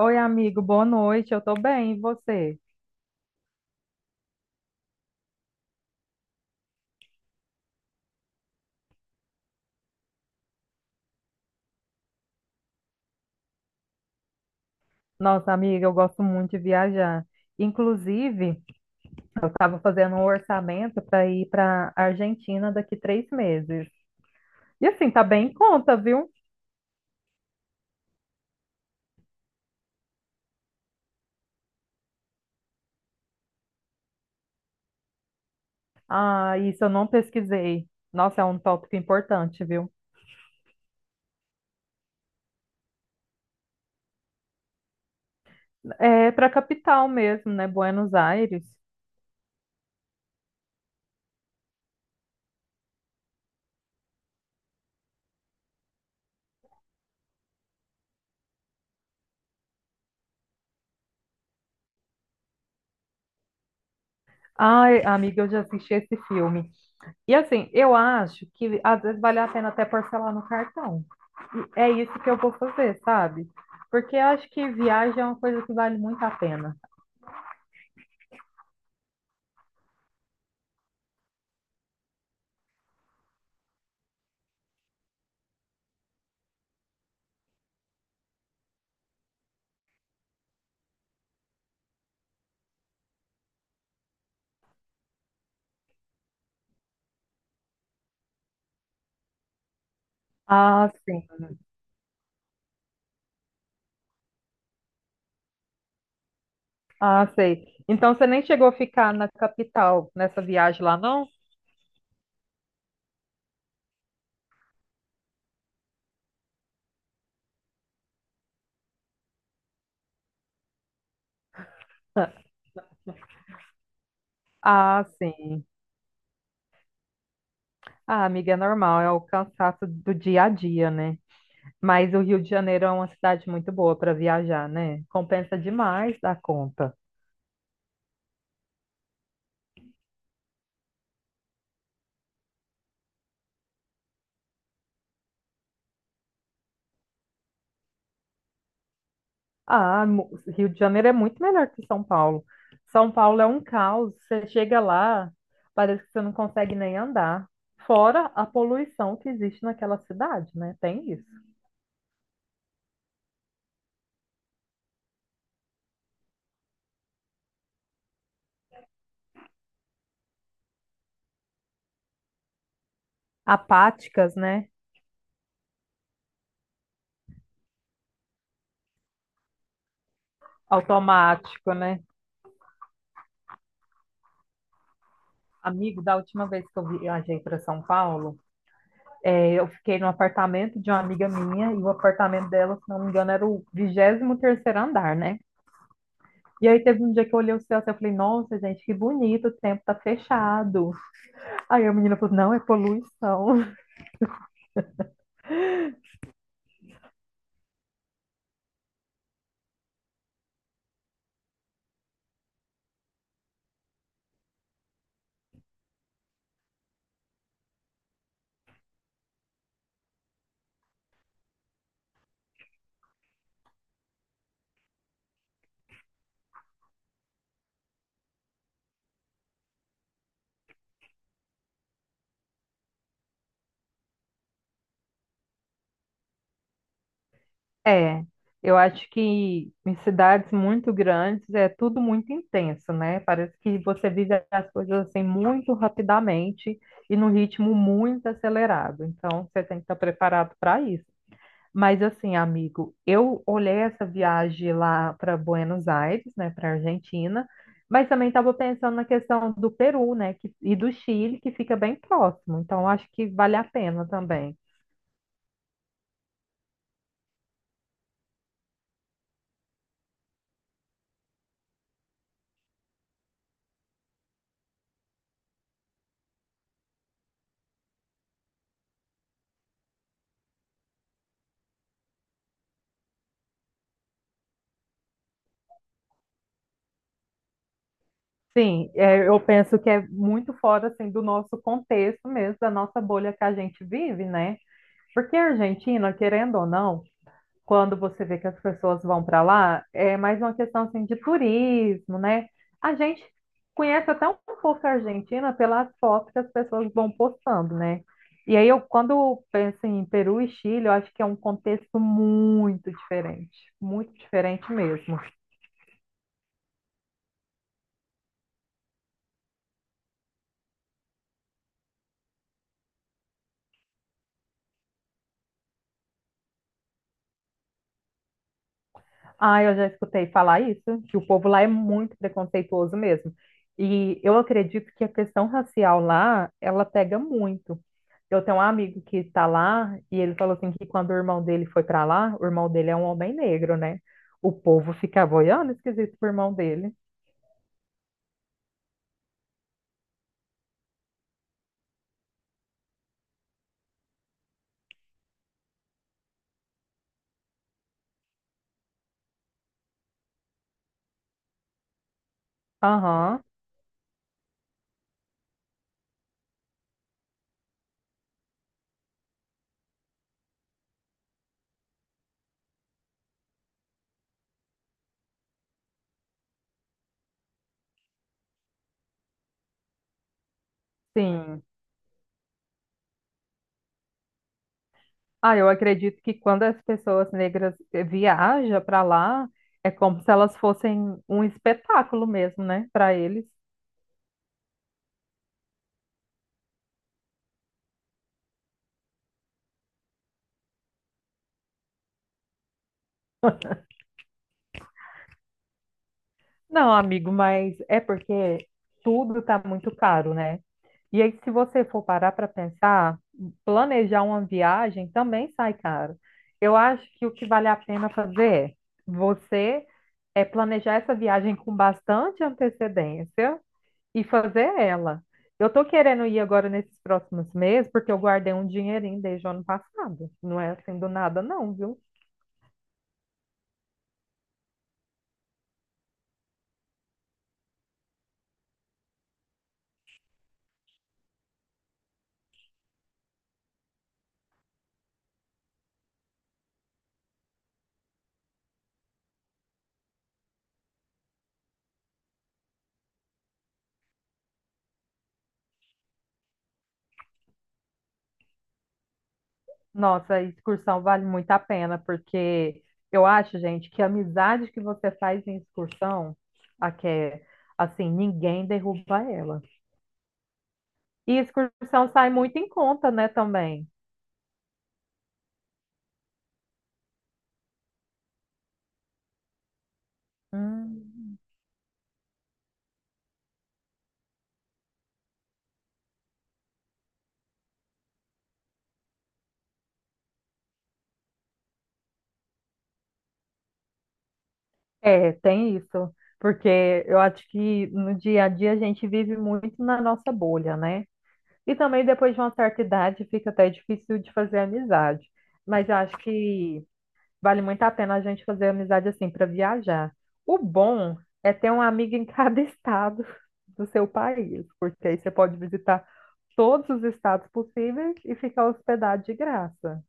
Oi, amigo, boa noite. Eu tô bem, e você? Nossa, amiga, eu gosto muito de viajar. Inclusive, eu estava fazendo um orçamento para ir para Argentina daqui 3 meses. E assim, tá bem em conta, viu? Ah, isso eu não pesquisei. Nossa, é um tópico importante, viu? É para capital mesmo, né? Buenos Aires. Ai, amiga, eu já assisti esse filme. E assim, eu acho que às vezes vale a pena até parcelar no cartão. E é isso que eu vou fazer, sabe? Porque eu acho que viagem é uma coisa que vale muito a pena. Ah, sim. Ah, sei. Então você nem chegou a ficar na capital nessa viagem lá, não? Ah, sim. Ah, amiga, é normal, é o cansaço do dia a dia, né? Mas o Rio de Janeiro é uma cidade muito boa para viajar, né? Compensa demais da conta. Ah, Rio de Janeiro é muito melhor que São Paulo. São Paulo é um caos. Você chega lá, parece que você não consegue nem andar. Fora a poluição que existe naquela cidade, né? Tem isso. Apáticas, né? Automático, né? Amigo, da última vez que eu viajei para São Paulo, é, eu fiquei no apartamento de uma amiga minha e o apartamento dela, se não me engano, era o 23º andar, né? E aí teve um dia que eu olhei o céu assim, eu falei, nossa, gente, que bonito, o tempo tá fechado. Aí a menina falou, não, é poluição. É, eu acho que em cidades muito grandes é tudo muito intenso, né? Parece que você vive as coisas assim muito rapidamente e num ritmo muito acelerado. Então, você tem que estar preparado para isso. Mas assim, amigo, eu olhei essa viagem lá para Buenos Aires, né, para Argentina, mas também estava pensando na questão do Peru, né, e do Chile, que fica bem próximo. Então, eu acho que vale a pena também. Sim, é, eu penso que é muito fora assim do nosso contexto mesmo, da nossa bolha que a gente vive, né? Porque a Argentina, querendo ou não, quando você vê que as pessoas vão para lá, é mais uma questão assim de turismo, né? A gente conhece até um pouco a Argentina pelas fotos que as pessoas vão postando, né? E aí eu quando penso em Peru e Chile, eu acho que é um contexto muito diferente mesmo. Ah, eu já escutei falar isso, que o povo lá é muito preconceituoso mesmo. E eu acredito que a questão racial lá, ela pega muito. Eu tenho um amigo que está lá e ele falou assim que quando o irmão dele foi para lá, o irmão dele é um homem negro, né? O povo ficava olhando esquisito pro irmão dele. Aham, sim. Ah, eu acredito que quando as pessoas negras viajam para lá, é como se elas fossem um espetáculo mesmo, né, para eles. Não, amigo, mas é porque tudo está muito caro, né? E aí, se você for parar para pensar, planejar uma viagem também sai caro. Eu acho que o que vale a pena fazer é você planejar essa viagem com bastante antecedência e fazer ela. Eu tô querendo ir agora nesses próximos meses porque eu guardei um dinheirinho desde o ano passado. Não é assim do nada, não, viu? Nossa, a excursão vale muito a pena, porque eu acho, gente, que a amizade que você faz em excursão, a que é, assim, ninguém derruba ela. E excursão sai muito em conta, né, também. Hum. É, tem isso, porque eu acho que no dia a dia a gente vive muito na nossa bolha, né? E também depois de uma certa idade fica até difícil de fazer amizade. Mas eu acho que vale muito a pena a gente fazer amizade assim para viajar. O bom é ter um amigo em cada estado do seu país, porque aí você pode visitar todos os estados possíveis e ficar hospedado de graça.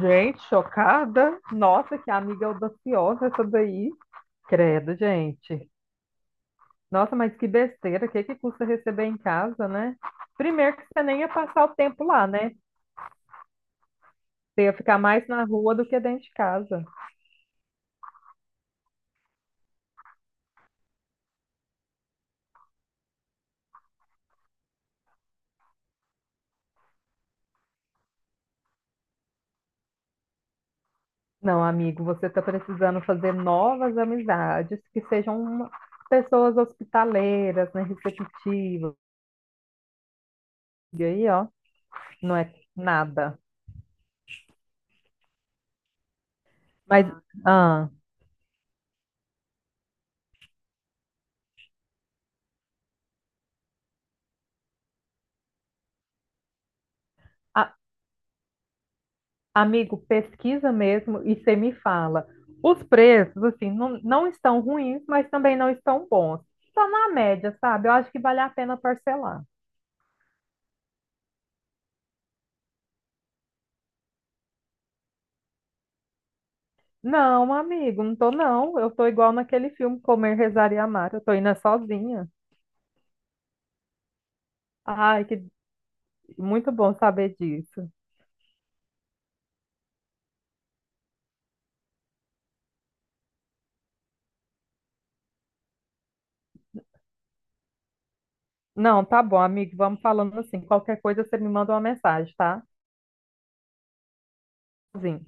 Gente, chocada. Nossa, que amiga audaciosa essa daí. Credo, gente. Nossa, mas que besteira. O que que custa receber em casa, né? Primeiro que você nem ia passar o tempo lá, né? Você ia ficar mais na rua do que dentro de casa. Não, amigo, você está precisando fazer novas amizades que sejam pessoas hospitaleiras, né, receptivas. E aí, ó, não é nada. Mas, ah, a- amigo, pesquisa mesmo e você me fala. Os preços, assim, não estão ruins, mas também não estão bons. Está na média, sabe? Eu acho que vale a pena parcelar. Não, amigo, não tô não. Eu tô igual naquele filme Comer, Rezar e Amar. Eu tô indo é sozinha. Ai, que muito bom saber disso. Não, tá bom, amigo. Vamos falando assim. Qualquer coisa você me manda uma mensagem, tá? Sim.